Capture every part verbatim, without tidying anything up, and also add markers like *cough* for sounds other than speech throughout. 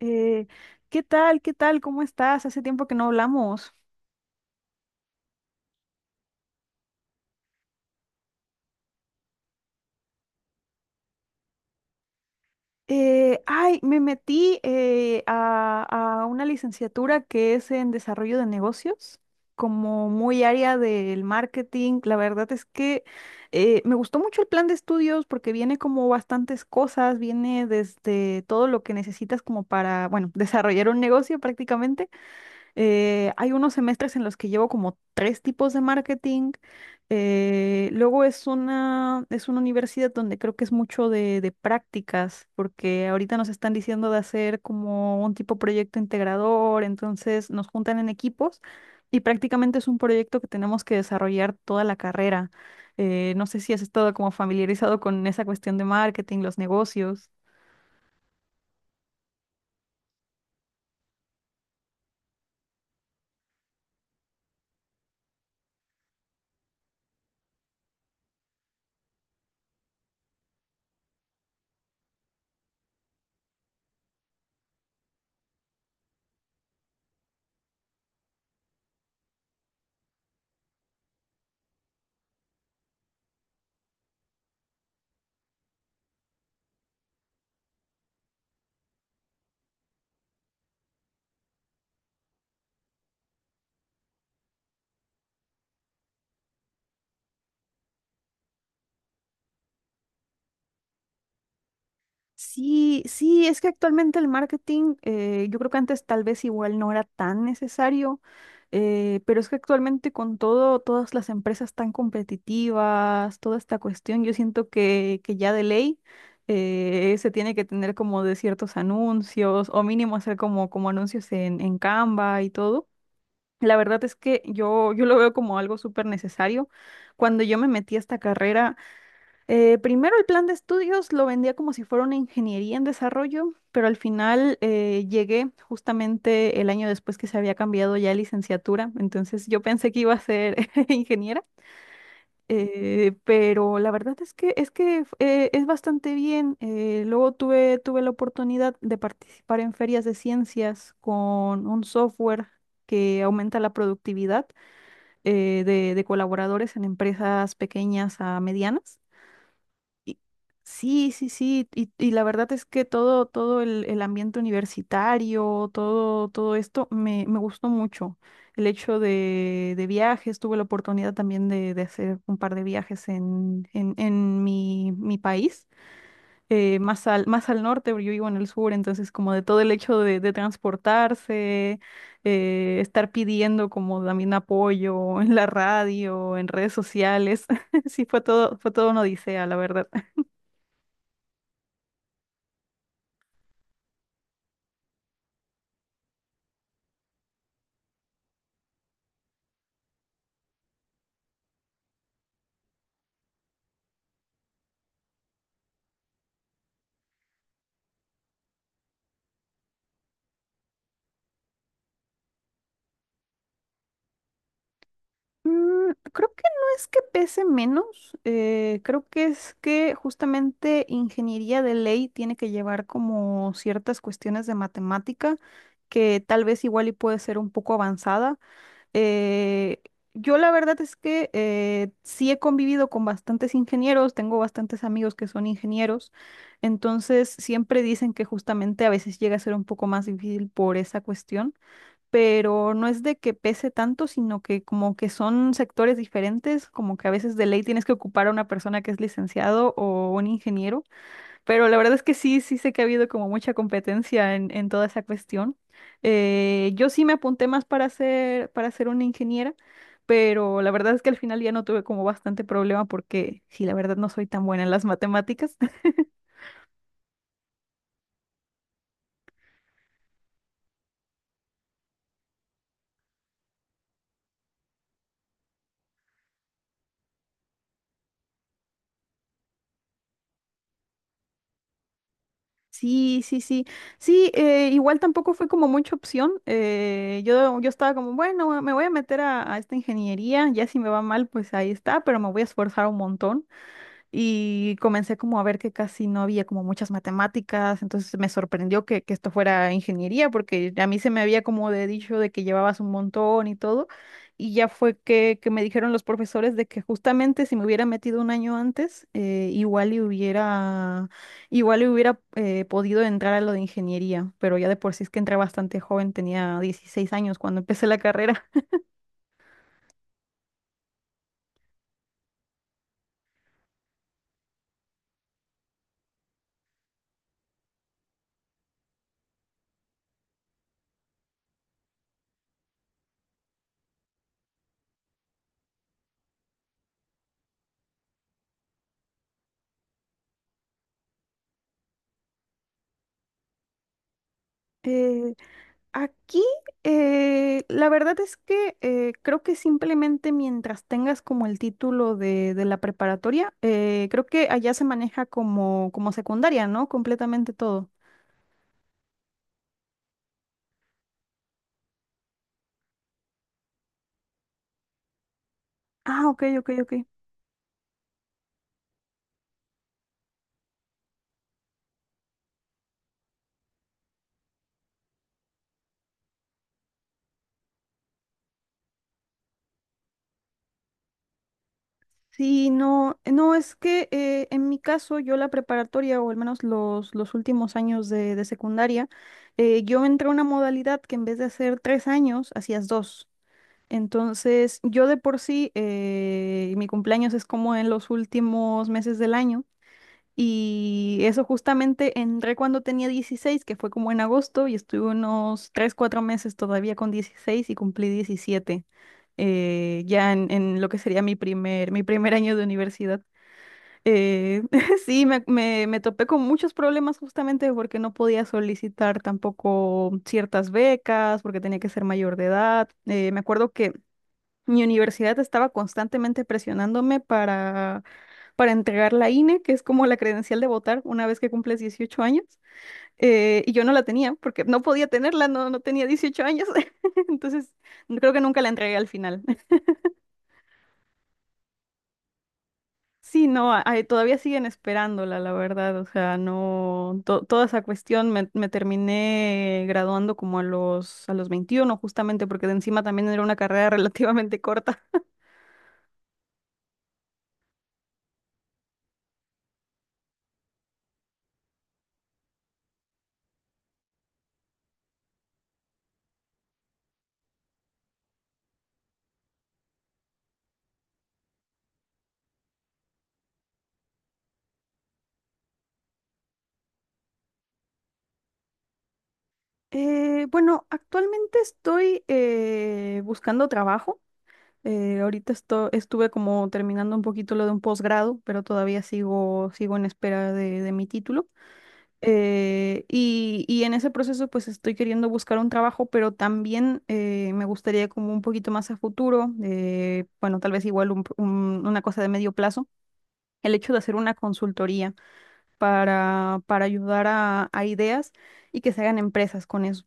Eh, ¿Qué tal? ¿Qué tal? ¿Cómo estás? Hace tiempo que no hablamos. Eh, ay, me metí eh, a, a una licenciatura que es en desarrollo de negocios, como muy área del marketing. La verdad es que eh, me gustó mucho el plan de estudios porque viene como bastantes cosas, viene desde todo lo que necesitas como para, bueno, *laughs* desarrollar un negocio prácticamente. Eh, hay unos semestres en los que llevo como tres tipos de marketing. Eh, luego es una, es una universidad donde creo que es mucho de, de prácticas, porque ahorita nos están diciendo de hacer como un tipo proyecto integrador, entonces nos juntan en equipos y prácticamente es un proyecto que tenemos que desarrollar toda la carrera. Eh, no sé si has estado como familiarizado con esa cuestión de marketing, los negocios. Sí, sí, es que actualmente el marketing, eh, yo creo que antes tal vez igual no era tan necesario, eh, pero es que actualmente con todo, todas las empresas tan competitivas, toda esta cuestión, yo siento que, que ya de ley eh, se tiene que tener como de ciertos anuncios o mínimo hacer como, como anuncios en, en Canva y todo. La verdad es que yo, yo lo veo como algo súper necesario. Cuando yo me metí a esta carrera, eh, primero el plan de estudios lo vendía como si fuera una ingeniería en desarrollo, pero al final eh, llegué justamente el año después que se había cambiado ya a licenciatura, entonces yo pensé que iba a ser *laughs* ingeniera, eh, pero la verdad es que es que eh, es bastante bien. Eh, luego tuve, tuve la oportunidad de participar en ferias de ciencias con un software que aumenta la productividad eh, de de colaboradores en empresas pequeñas a medianas. Y- Sí, sí, sí, y, y la verdad es que todo, todo el, el ambiente universitario, todo, todo esto me, me gustó mucho. El hecho de, de viajes, tuve la oportunidad también de, de hacer un par de viajes en, en, en mi, mi país, eh, más al, más al norte, porque yo vivo en el sur, entonces como de todo el hecho de, de transportarse, eh, estar pidiendo como también apoyo en la radio, en redes sociales, *laughs* sí, fue todo, fue todo una odisea, la verdad. Mm, creo que no es que pese menos, eh, creo que es que justamente ingeniería de ley tiene que llevar como ciertas cuestiones de matemática que tal vez igual y puede ser un poco avanzada. Eh, yo la verdad es que eh, sí he convivido con bastantes ingenieros, tengo bastantes amigos que son ingenieros, entonces siempre dicen que justamente a veces llega a ser un poco más difícil por esa cuestión, pero no es de que pese tanto, sino que como que son sectores diferentes, como que a veces de ley tienes que ocupar a una persona que es licenciado o un ingeniero, pero la verdad es que sí, sí sé que ha habido como mucha competencia en, en toda esa cuestión. Eh, yo sí me apunté más para ser, para ser una ingeniera, pero la verdad es que al final ya no tuve como bastante problema porque sí, la verdad no soy tan buena en las matemáticas. *laughs* Sí, sí, sí. Sí, eh, igual tampoco fue como mucha opción. eh, yo, yo estaba como, bueno, me voy a meter a, a esta ingeniería, ya si me va mal, pues ahí está, pero me voy a esforzar un montón y comencé como a ver que casi no había como muchas matemáticas, entonces me sorprendió que, que esto fuera ingeniería, porque a mí se me había como de dicho de que llevabas un montón y todo, y ya fue que, que me dijeron los profesores de que justamente si me hubiera metido un año antes, eh, igual y hubiera, igual y hubiera eh, podido entrar a lo de ingeniería, pero ya de por sí es que entré bastante joven, tenía dieciséis años cuando empecé la carrera. *laughs* Eh, Aquí, eh, la verdad es que eh, creo que simplemente mientras tengas como el título de, de la preparatoria, eh, creo que allá se maneja como, como secundaria, ¿no? Completamente todo. Ah, ok, ok, ok. Sí, no, no, es que eh, en mi caso yo la preparatoria o al menos los, los últimos años de, de secundaria, eh, yo entré a una modalidad que en vez de hacer tres años, hacías dos. Entonces, yo de por sí, eh, mi cumpleaños es como en los últimos meses del año. Y eso justamente entré cuando tenía dieciséis, que fue como en agosto, y estuve unos tres, cuatro meses todavía con dieciséis y cumplí diecisiete eh, ya en, en lo que sería mi primer, mi primer año de universidad. Eh, *laughs* sí, me, me, me topé con muchos problemas justamente porque no podía solicitar tampoco ciertas becas, porque tenía que ser mayor de edad. Eh, me acuerdo que mi universidad estaba constantemente presionándome para, para entregar la I N E, que es como la credencial de votar una vez que cumples dieciocho años, eh, y yo no la tenía porque no podía tenerla, no, no tenía dieciocho años, *laughs* entonces creo que nunca la entregué al final. *laughs* Sí, no, a- a- todavía siguen esperándola, la verdad, o sea, no, to- toda esa cuestión me, me terminé graduando como a los, a los veintiuno, justamente porque de encima también era una carrera *laughs* relativamente corta. Eh, bueno, actualmente estoy eh, buscando trabajo. Eh, ahorita esto- estuve como terminando un poquito lo de un posgrado, pero todavía sigo, sigo en espera de, de mi título. Eh, y, y en ese proceso pues estoy queriendo buscar un trabajo, pero también eh, me gustaría como un poquito más a futuro, eh, bueno, tal vez igual un- un- una cosa de medio plazo, el hecho de hacer una consultoría para, para ayudar a a ideas y que se hagan empresas con eso.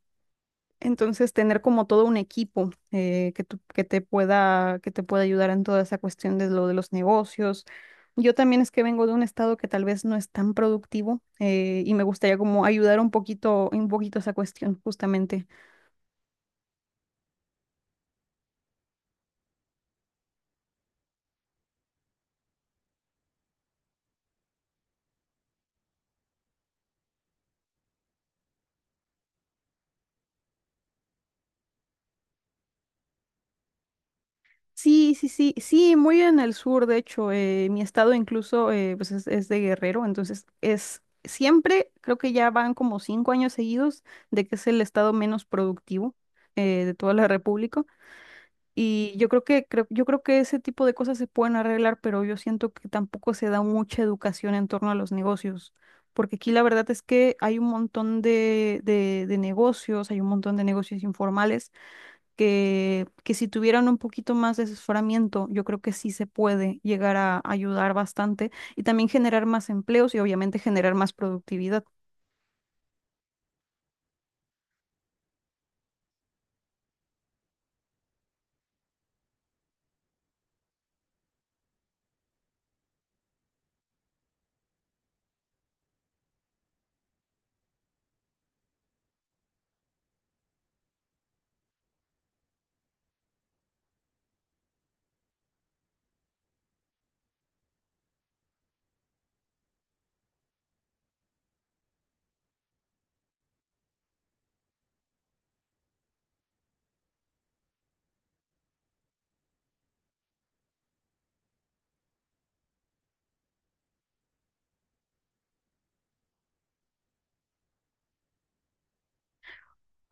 Entonces, tener como todo un equipo eh, que, tú- que te pueda, que te pueda ayudar en toda esa cuestión de lo de los negocios. Yo también es que vengo de un estado que tal vez no es tan productivo, eh, y me gustaría como ayudar un poquito, un poquito esa cuestión, justamente. Sí, sí, sí, sí, muy en el sur, de hecho, eh, mi estado incluso eh, pues es, es de Guerrero, entonces es siempre, creo que ya van como cinco años seguidos de que es el estado menos productivo eh, de toda la República. Y yo creo que, creo- yo creo que ese tipo de cosas se pueden arreglar, pero yo siento que tampoco se da mucha educación en torno a los negocios, porque aquí la verdad es que hay un montón de, de- de negocios, hay un montón de negocios informales que, que si tuvieran un poquito más de asesoramiento, yo creo que sí se puede llegar a ayudar bastante y también generar más empleos y obviamente generar más productividad.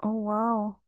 Oh, wow.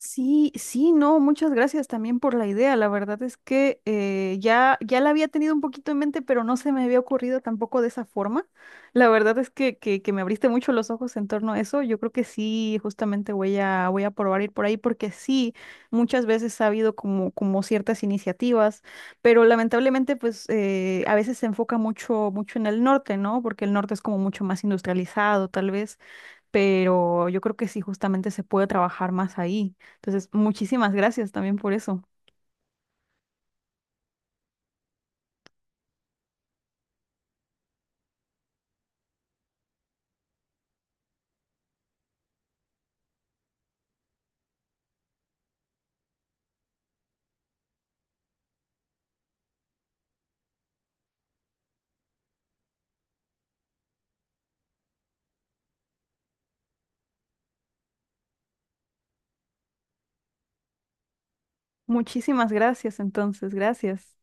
Sí, sí, no, muchas gracias también por la idea. La verdad es que eh, ya, ya la había tenido un poquito en mente, pero no se me había ocurrido tampoco de esa forma. La verdad es que, que, que me abriste mucho los ojos en torno a eso. Yo creo que sí, justamente voy a, voy a probar ir por ahí, porque sí, muchas veces ha habido como, como ciertas iniciativas, pero lamentablemente, pues eh, a veces se enfoca mucho, mucho en el norte, ¿no? Porque el norte es como mucho más industrializado, tal vez, pero yo creo que sí, justamente se puede trabajar más ahí. Entonces, muchísimas gracias también por eso. Muchísimas gracias, entonces, gracias.